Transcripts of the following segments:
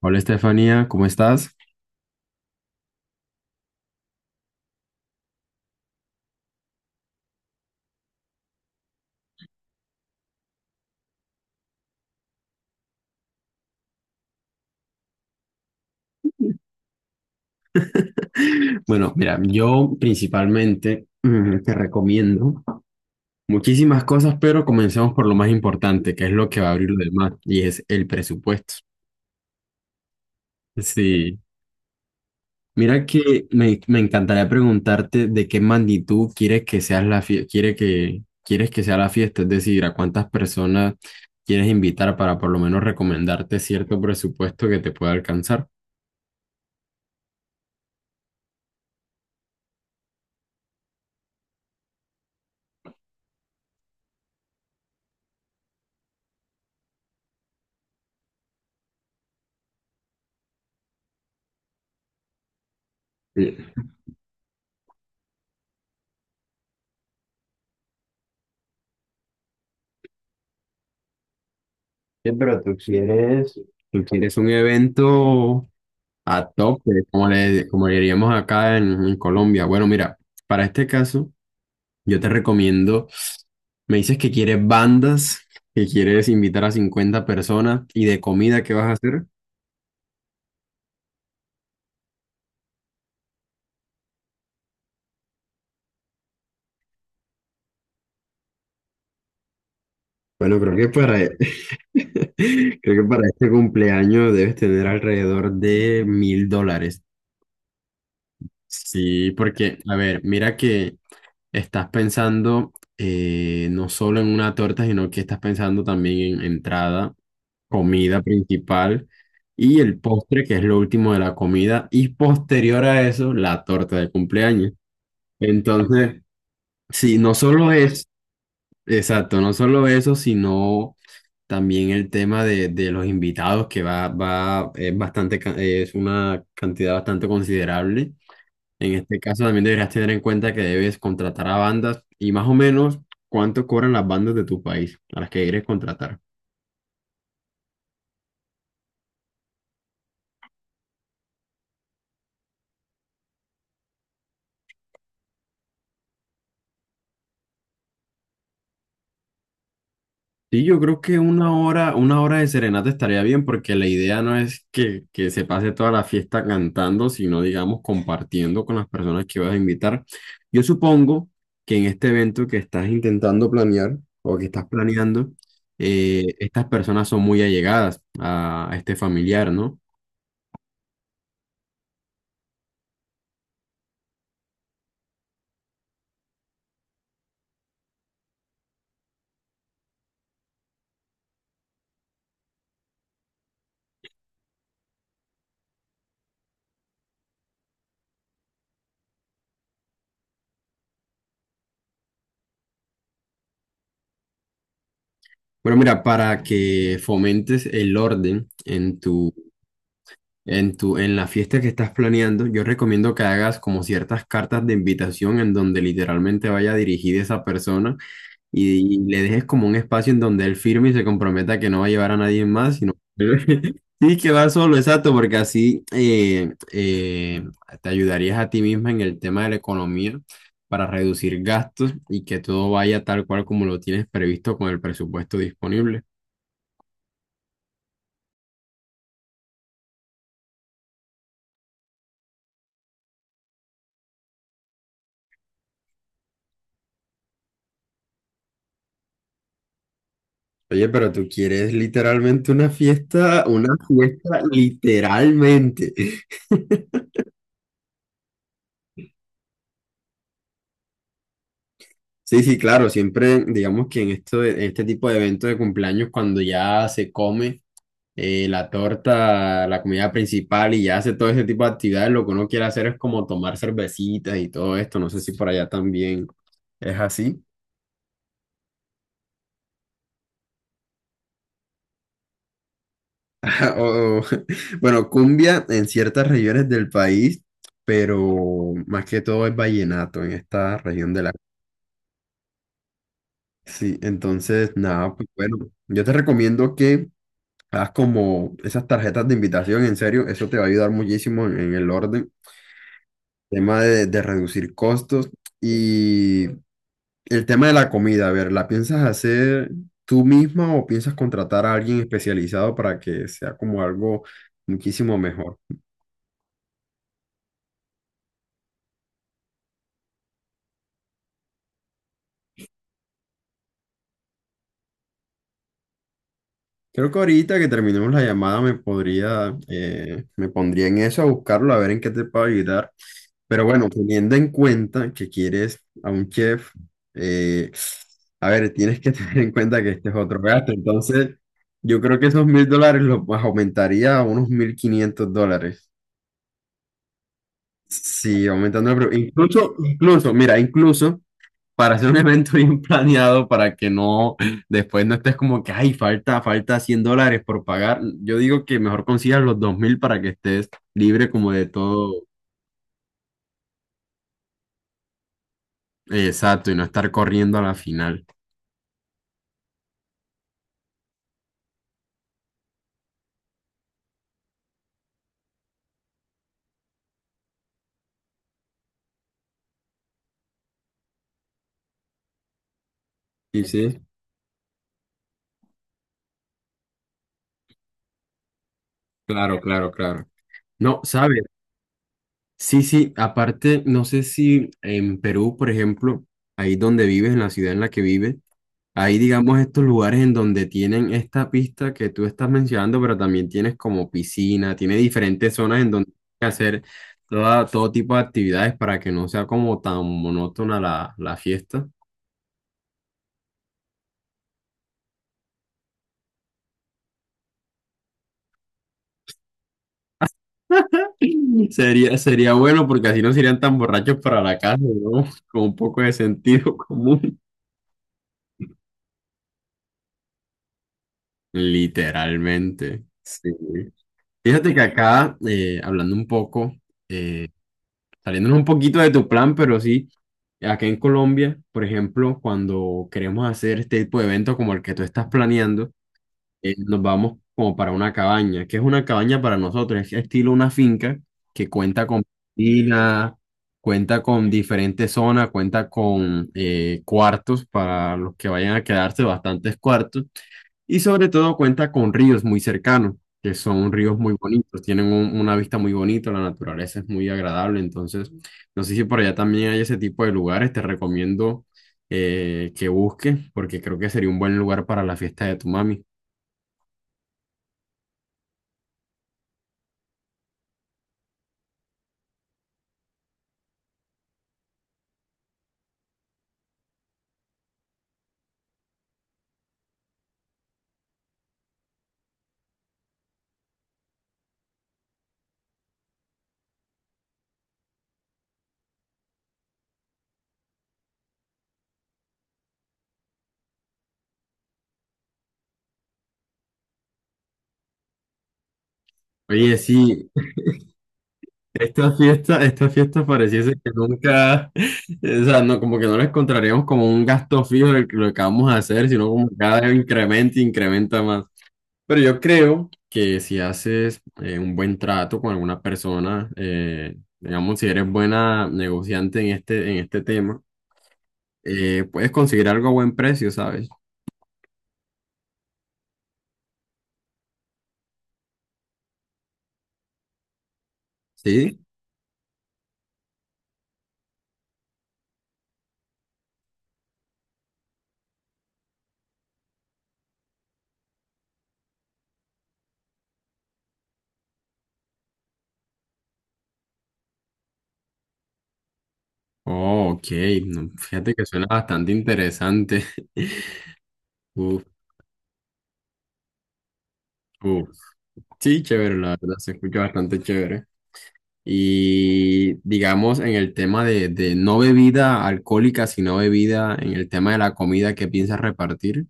Hola Estefanía, ¿cómo estás? Bueno, mira, yo principalmente te recomiendo muchísimas cosas, pero comencemos por lo más importante, que es lo que va a abrir lo demás, y es el presupuesto. Sí, mira que me encantaría preguntarte de qué magnitud quieres que seas la quieres que sea la fiesta, es decir, a cuántas personas quieres invitar para por lo menos recomendarte cierto presupuesto que te pueda alcanzar. Sí. ¿Quieres un evento? A tope, como le diríamos acá en Colombia. Bueno, mira, para este caso, yo te recomiendo, me dices que quieres bandas, que quieres invitar a 50 personas y de comida, ¿qué vas a hacer? Bueno, creo que para este cumpleaños debes tener alrededor de $1000. Sí, porque, a ver, mira que estás pensando no solo en una torta, sino que estás pensando también en entrada comida principal y el postre, que es lo último de la comida, y posterior a eso, la torta de cumpleaños. Entonces, sí, no solo es, exacto, no solo eso, sino también el tema de los invitados, que va, es bastante, es una cantidad bastante considerable. En este caso, también deberías tener en cuenta que debes contratar a bandas y más o menos cuánto cobran las bandas de tu país a las que quieres contratar. Sí, yo creo que una hora de serenata estaría bien porque la idea no es que se pase toda la fiesta cantando, sino digamos compartiendo con las personas que vas a invitar. Yo supongo que en este evento que estás intentando planear o que estás planeando, estas personas son muy allegadas a este familiar, ¿no? Bueno, mira, para que fomentes el orden en en la fiesta que estás planeando, yo recomiendo que hagas como ciertas cartas de invitación en donde literalmente vaya dirigida esa persona y le dejes como un espacio en donde él firme y se comprometa que no va a llevar a nadie más, sino sí que va solo, exacto, porque así te ayudarías a ti misma en el tema de la economía para reducir gastos y que todo vaya tal cual como lo tienes previsto con el presupuesto disponible. Oye, pero tú quieres literalmente una fiesta literalmente. Sí, sí, claro, siempre digamos que en este tipo de eventos de cumpleaños, cuando ya se come la torta, la comida principal y ya hace todo ese tipo de actividades, lo que uno quiere hacer es como tomar cervecitas y todo esto. No sé si por allá también es así. O- o- bueno, cumbia en ciertas regiones del país, pero más que todo es vallenato en esta región del. Sí, entonces, nada, pues bueno, yo te recomiendo que hagas como esas tarjetas de invitación, en serio, eso te va a ayudar muchísimo en el orden, tema de reducir costos y el tema de la comida, a ver, ¿la piensas hacer tú misma o piensas contratar a alguien especializado para que sea como algo muchísimo mejor? Creo que ahorita que terminemos la llamada me podría, me pondría en eso a buscarlo, a ver en qué te puedo ayudar. Pero bueno, teniendo en cuenta que quieres a un chef, eh, a ver, tienes que tener en cuenta que este es otro gasto. Entonces, yo creo que esos $1000 los aumentaría a unos $1500. Sí, aumentando el incluso, incluso, mira, incluso para hacer un evento bien planeado para que no, después no estés como que, ay, falta $100 por pagar. Yo digo que mejor consigas los 2000 para que estés libre como de todo, exacto, y no estar corriendo a la final. Sí, sí, claro. No, ¿sabes? Sí, sí, aparte, no sé si en Perú, por ejemplo, ahí donde vives, en la ciudad en la que vives, hay, digamos, estos lugares en donde tienen esta pista que tú estás mencionando, pero también tienes como piscina, tiene diferentes zonas en donde hacer todo tipo de actividades para que no sea como tan monótona la fiesta. Sería, sería bueno porque así no serían tan borrachos para la casa, ¿no? Con un poco de sentido común. Literalmente, sí. Fíjate que acá, hablando un poco, eh, saliéndonos un poquito de tu plan, pero sí, acá en Colombia, por ejemplo, cuando queremos hacer este tipo de eventos como el que tú estás planeando, nos vamos como para una cabaña, que es una cabaña para nosotros, es estilo una finca que cuenta con piscina, cuenta con diferentes zonas, cuenta con cuartos para los que vayan a quedarse, bastantes cuartos, y sobre todo cuenta con ríos muy cercanos, que son ríos muy bonitos, tienen una vista muy bonita, la naturaleza es muy agradable, entonces no sé si por allá también hay ese tipo de lugares, te recomiendo que busques, porque creo que sería un buen lugar para la fiesta de tu mami. Oye, sí, esta fiesta pareciese que nunca, o sea, no, como que no la encontraríamos como un gasto fijo de lo que vamos a hacer, sino como que cada vez incrementa, y incrementa más. Pero yo creo que si haces un buen trato con alguna persona, digamos, si eres buena negociante en este tema, puedes conseguir algo a buen precio, ¿sabes? ¿Sí? Oh, ok, no, fíjate que suena bastante interesante. Uf. Uf. Sí, chévere, la verdad, se escucha bastante chévere. Y digamos, en el tema de no bebida alcohólica, sino bebida, en el tema de la comida que piensas repartir,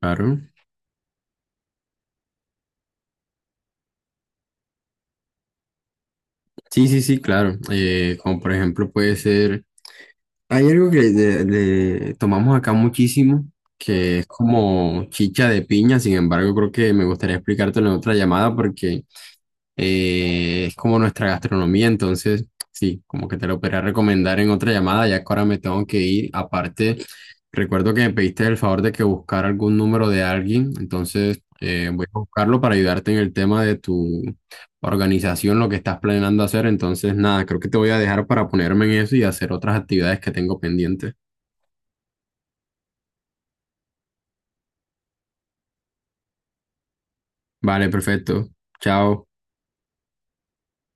claro. Sí, sí, sí, claro. Como por ejemplo puede ser, hay algo que le tomamos acá muchísimo, que es como chicha de piña, sin embargo, creo que me gustaría explicártelo en otra llamada porque... es como nuestra gastronomía, entonces sí, como que te lo podría recomendar en otra llamada, ya que ahora me tengo que ir. Aparte, recuerdo que me pediste el favor de que buscara algún número de alguien, entonces voy a buscarlo para ayudarte en el tema de tu organización, lo que estás planeando hacer. Entonces, nada, creo que te voy a dejar para ponerme en eso y hacer otras actividades que tengo pendientes. Vale, perfecto. Chao.